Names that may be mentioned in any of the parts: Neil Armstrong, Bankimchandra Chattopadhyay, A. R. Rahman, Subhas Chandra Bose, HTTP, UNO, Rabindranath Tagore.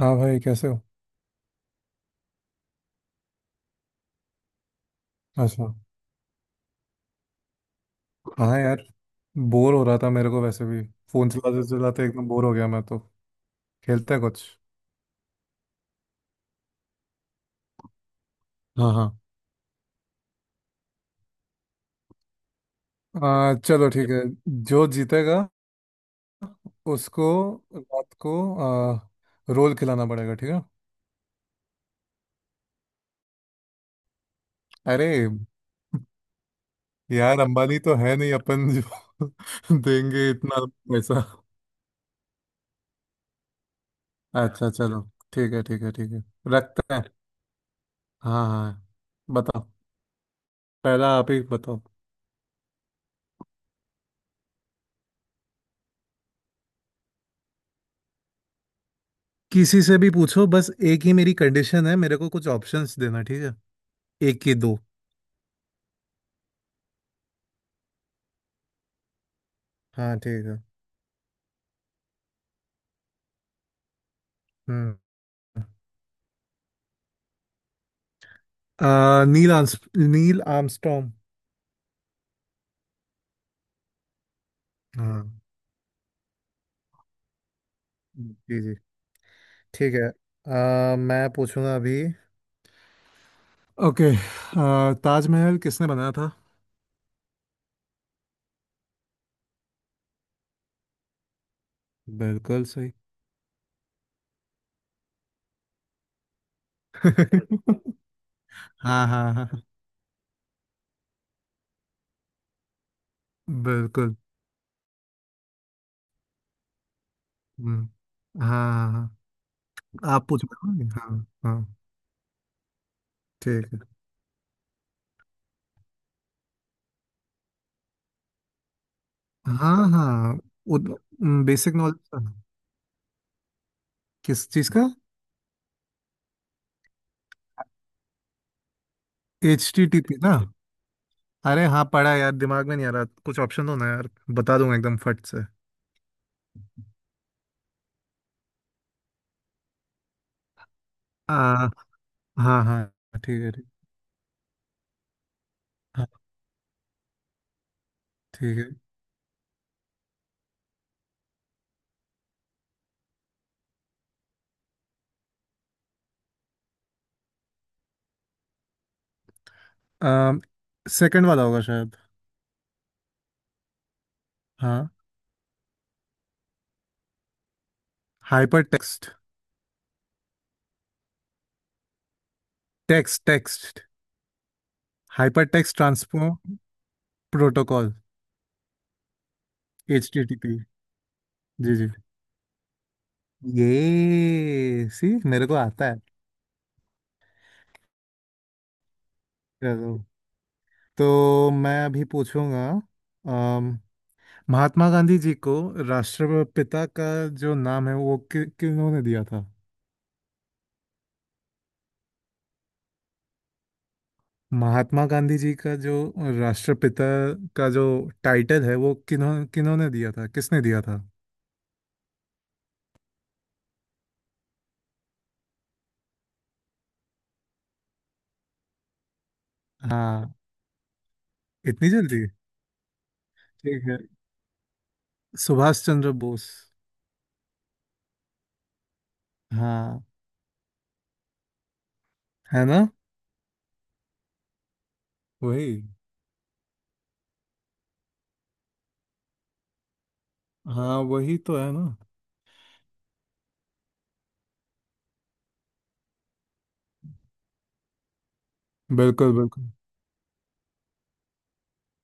हाँ भाई, कैसे हो? अच्छा। हाँ यार, बोर हो रहा था मेरे को वैसे भी। फोन चलाते चलाते एकदम बोर हो गया मैं तो। खेलते हैं कुछ। हाँ, हाँ। चलो, ठीक है। जो जीतेगा उसको रात को आ, रोल खिलाना पड़ेगा, ठीक है। अरे यार, अंबानी तो है नहीं अपन जो देंगे इतना पैसा। अच्छा, चलो। ठीक है, ठीक है, ठीक है। रखते हैं। हाँ, हाँ, बताओ। पहला आप ही बताओ। किसी से भी पूछो, बस एक ही मेरी कंडीशन है, मेरे को कुछ ऑप्शंस देना, ठीक है। एक की दो। हाँ, ठीक है। हम्म। नील आर्मस्ट्रॉन्ग। हाँ, जी जी, ठीक है। मैं पूछूंगा अभी। ओके। ताजमहल किसने बनाया था? बिल्कुल सही। हाँ, हाँ, हाँ। बिल्कुल। हम्म। हाँ, हाँ, हाँ। आप पूछ रहे हो? ना? हाँ, हाँ, ठीक है। हाँ, हाँ। Basic knowledge. किस चीज़ का? HTTP ना। अरे हाँ, पढ़ा है यार, दिमाग में नहीं आ रहा। कुछ ऑप्शन दो ना यार, बता दूंगा एकदम फट से। आ, हाँ, हाँ, ठीक है, ठीक। हाँ, ठीक है। सेकंड वाला होगा शायद। हाँ, hyper text, text text. Hyper text transport protocol. HTTP। जी जी, ये सी मेरे को आता है। चलो, तो मैं अभी पूछूंगा। अम, महात्मा गांधी जी को राष्ट्रपिता का जो नाम है वो किन्होंने दिया था? महात्मा गांधी जी का जो राष्ट्रपिता का जो टाइटल है वो किन्होंने दिया था? किसने दिया था? हाँ, इतनी जल्दी। ठीक है, सुभाष चंद्र बोस। हाँ, है ना। वही। हाँ, वही तो है ना। बिल्कुल, बिल्कुल।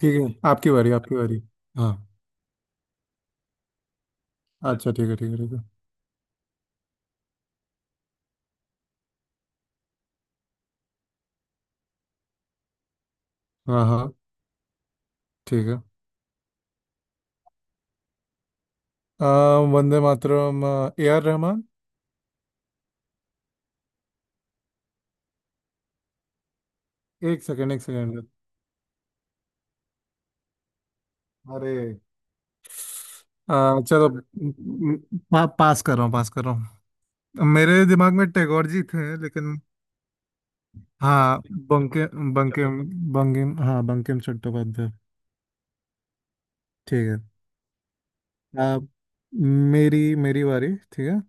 ठीक है, आपकी बारी, आपकी बारी। हाँ, अच्छा। ठीक है, ठीक है, ठीक है। हाँ, हाँ, ठीक है। आ, वंदे मातरम, A R Rahman। एक सेकंड, एक सेकंड। अरे, चलो। पास कर रहा हूँ, पास कर रहा हूँ। मेरे दिमाग में टैगोर जी थे लेकिन। हाँ, बंके बंकिम, बंकिम। हाँ, बंकिम चट्टोपाध्याय। ठीक है। अब मेरी मेरी बारी, ठीक है।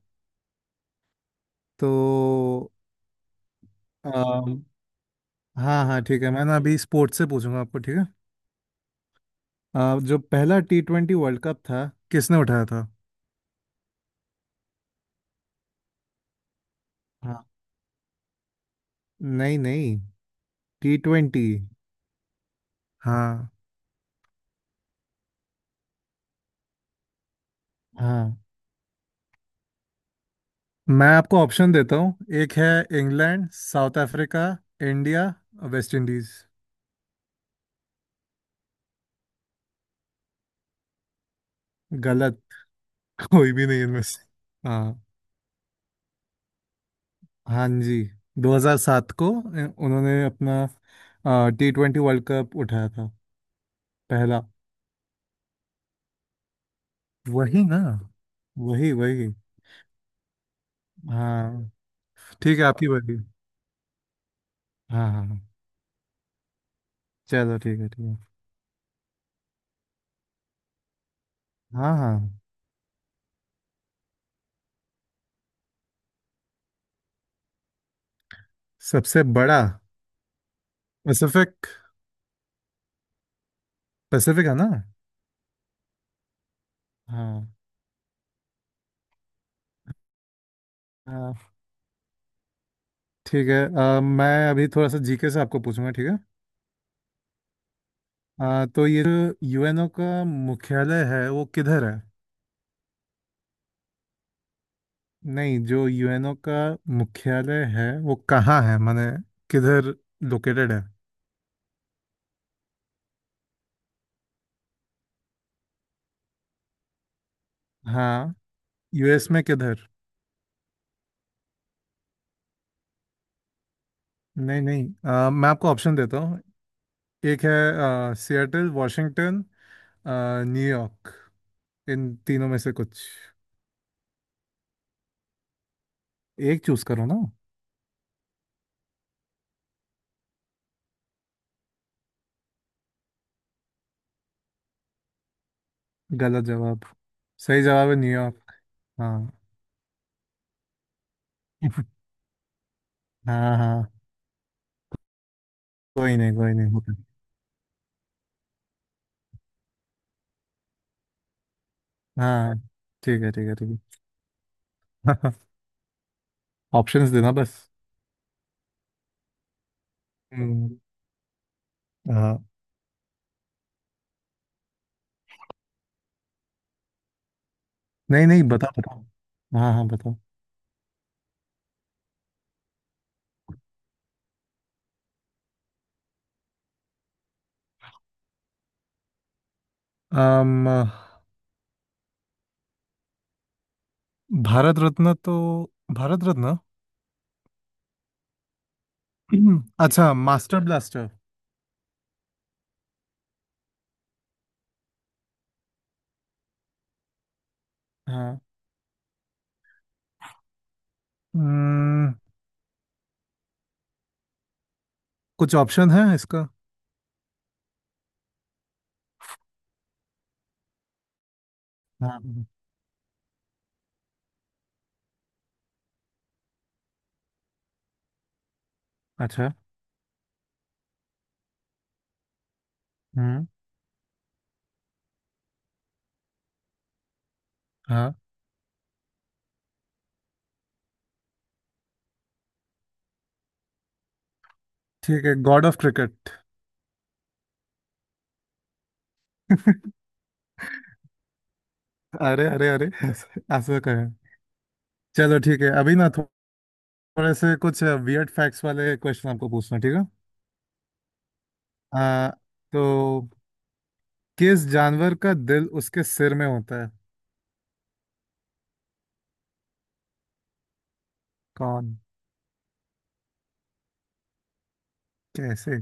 तो अम, हाँ, हाँ, ठीक है। मैं ना अभी स्पोर्ट्स से पूछूंगा आपको, ठीक है। जो पहला T20 वर्ल्ड कप था, किसने उठाया था? हाँ। नहीं, नहीं। T20। हाँ, हाँ। मैं आपको ऑप्शन देता हूँ। एक है England, South Africa, India, West Indies. गलत। कोई भी नहीं इनमें से। हाँ, हाँ जी। 2007 को उन्होंने अपना T20 वर्ल्ड कप उठाया था, पहला। वही ना, वही वही। हाँ, ठीक है, आपकी बारी। हाँ, हाँ, हाँ। चलो, ठीक है, ठीक है। हाँ, हाँ। सबसे बड़ा। पैसिफिक। पैसिफिक है ना। हाँ, हाँ। ठीक है। मैं अभी थोड़ा सा जीके से आपको पूछूंगा, ठीक है। तो ये जो यूएनओ का मुख्यालय है वो किधर है? नहीं, जो यूएनओ का मुख्यालय है वो कहाँ है माने किधर लोकेटेड है? हाँ, यूएस में किधर? नहीं, नहीं। मैं आपको ऑप्शन देता हूँ। एक है सिएटल वॉशिंगटन, न्यूयॉर्क। इन तीनों में से कुछ एक चूज करो ना। गलत जवाब। सही जवाब है न्यूयॉर्क। हाँ। हाँ, हाँ। कोई नहीं, कोई नहीं होता। हाँ, ठीक है, ठीक है, ठीक है। ऑप्शंस देना बस। हम्म। हाँ। नहीं, नहीं, बताओ, बताओ। हाँ, हाँ, बताओ। अम भारत रत्न तो। भारत रत्न। अच्छा, मास्टर ब्लास्टर। हाँ। हम्म, कुछ ऑप्शन है इसका? हाँ, हाँ। अच्छा। हम्म। हाँ, ठीक है, गॉड ऑफ क्रिकेट। अरे, अरे, अरे। ऐसे ऐसे कहें। चलो, ठीक है। अभी ना थोड़े से कुछ वियर्ड फैक्ट्स वाले क्वेश्चन आपको पूछना, ठीक है। आ, तो किस जानवर का दिल उसके सिर में होता है? कौन? कैसे?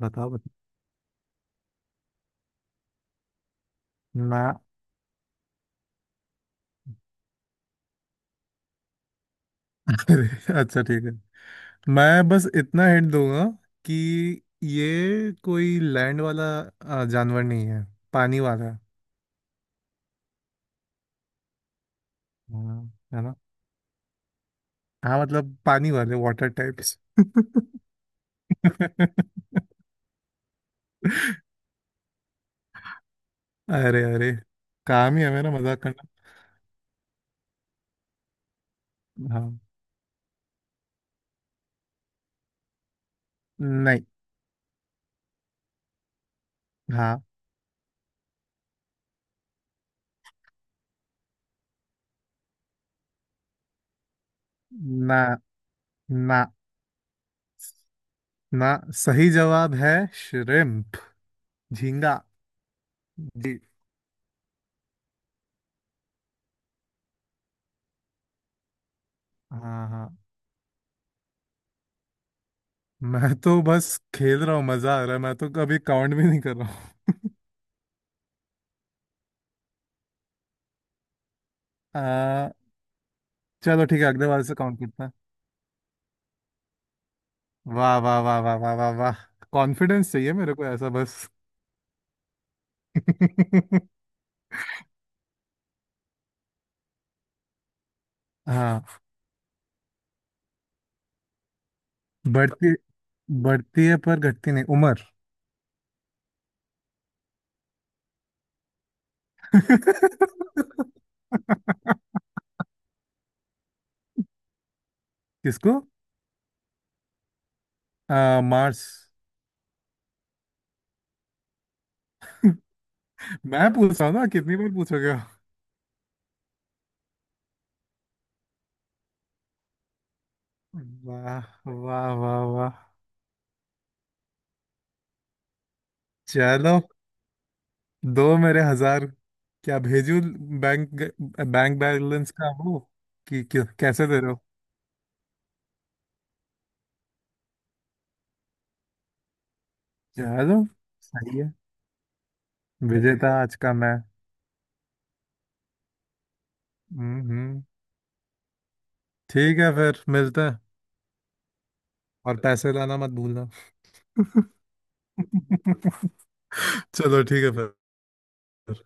बताओ, बताओ ना। अरे, अच्छा, ठीक है। मैं बस इतना हिंट दूंगा कि ये कोई लैंड वाला जानवर नहीं है, पानी वाला है। हाँ, है ना। हाँ मतलब पानी वाले, वाटर टाइप्स। अरे, अरे। काम ही है मेरा मजाक करना। हाँ। नहीं। हाँ। ना, ना, ना। सही जवाब है श्रिम्प। झींगा। जी। हाँ, हाँ। मैं तो बस खेल रहा हूँ, मजा आ रहा है, मैं तो कभी काउंट भी नहीं कर रहा हूँ। आ, चलो, ठीक है, अगले बार से काउंट करते हैं। वाह, वाह, वाह, वाह, वाह, वाह, वाह। कॉन्फिडेंस चाहिए मेरे को, ऐसा बस। हाँ। बढ़ती, बढ़ती है पर घटती नहीं, उम्र। किसको? मार्स। मैं पूछ रहा हूँ ना, कितनी बार पूछोगे। वाह, वाह, वाह, वाह। चलो, दो मेरे हजार। क्या भेजू? बैंक। बैंक बैलेंस का वो कि कैसे दे रहे हो? चलो। सही है। विजेता आज का मैं। हम्म हम्म। ठीक है फिर, मिलते हैं और पैसे लाना मत भूलना। चलो ठीक है फिर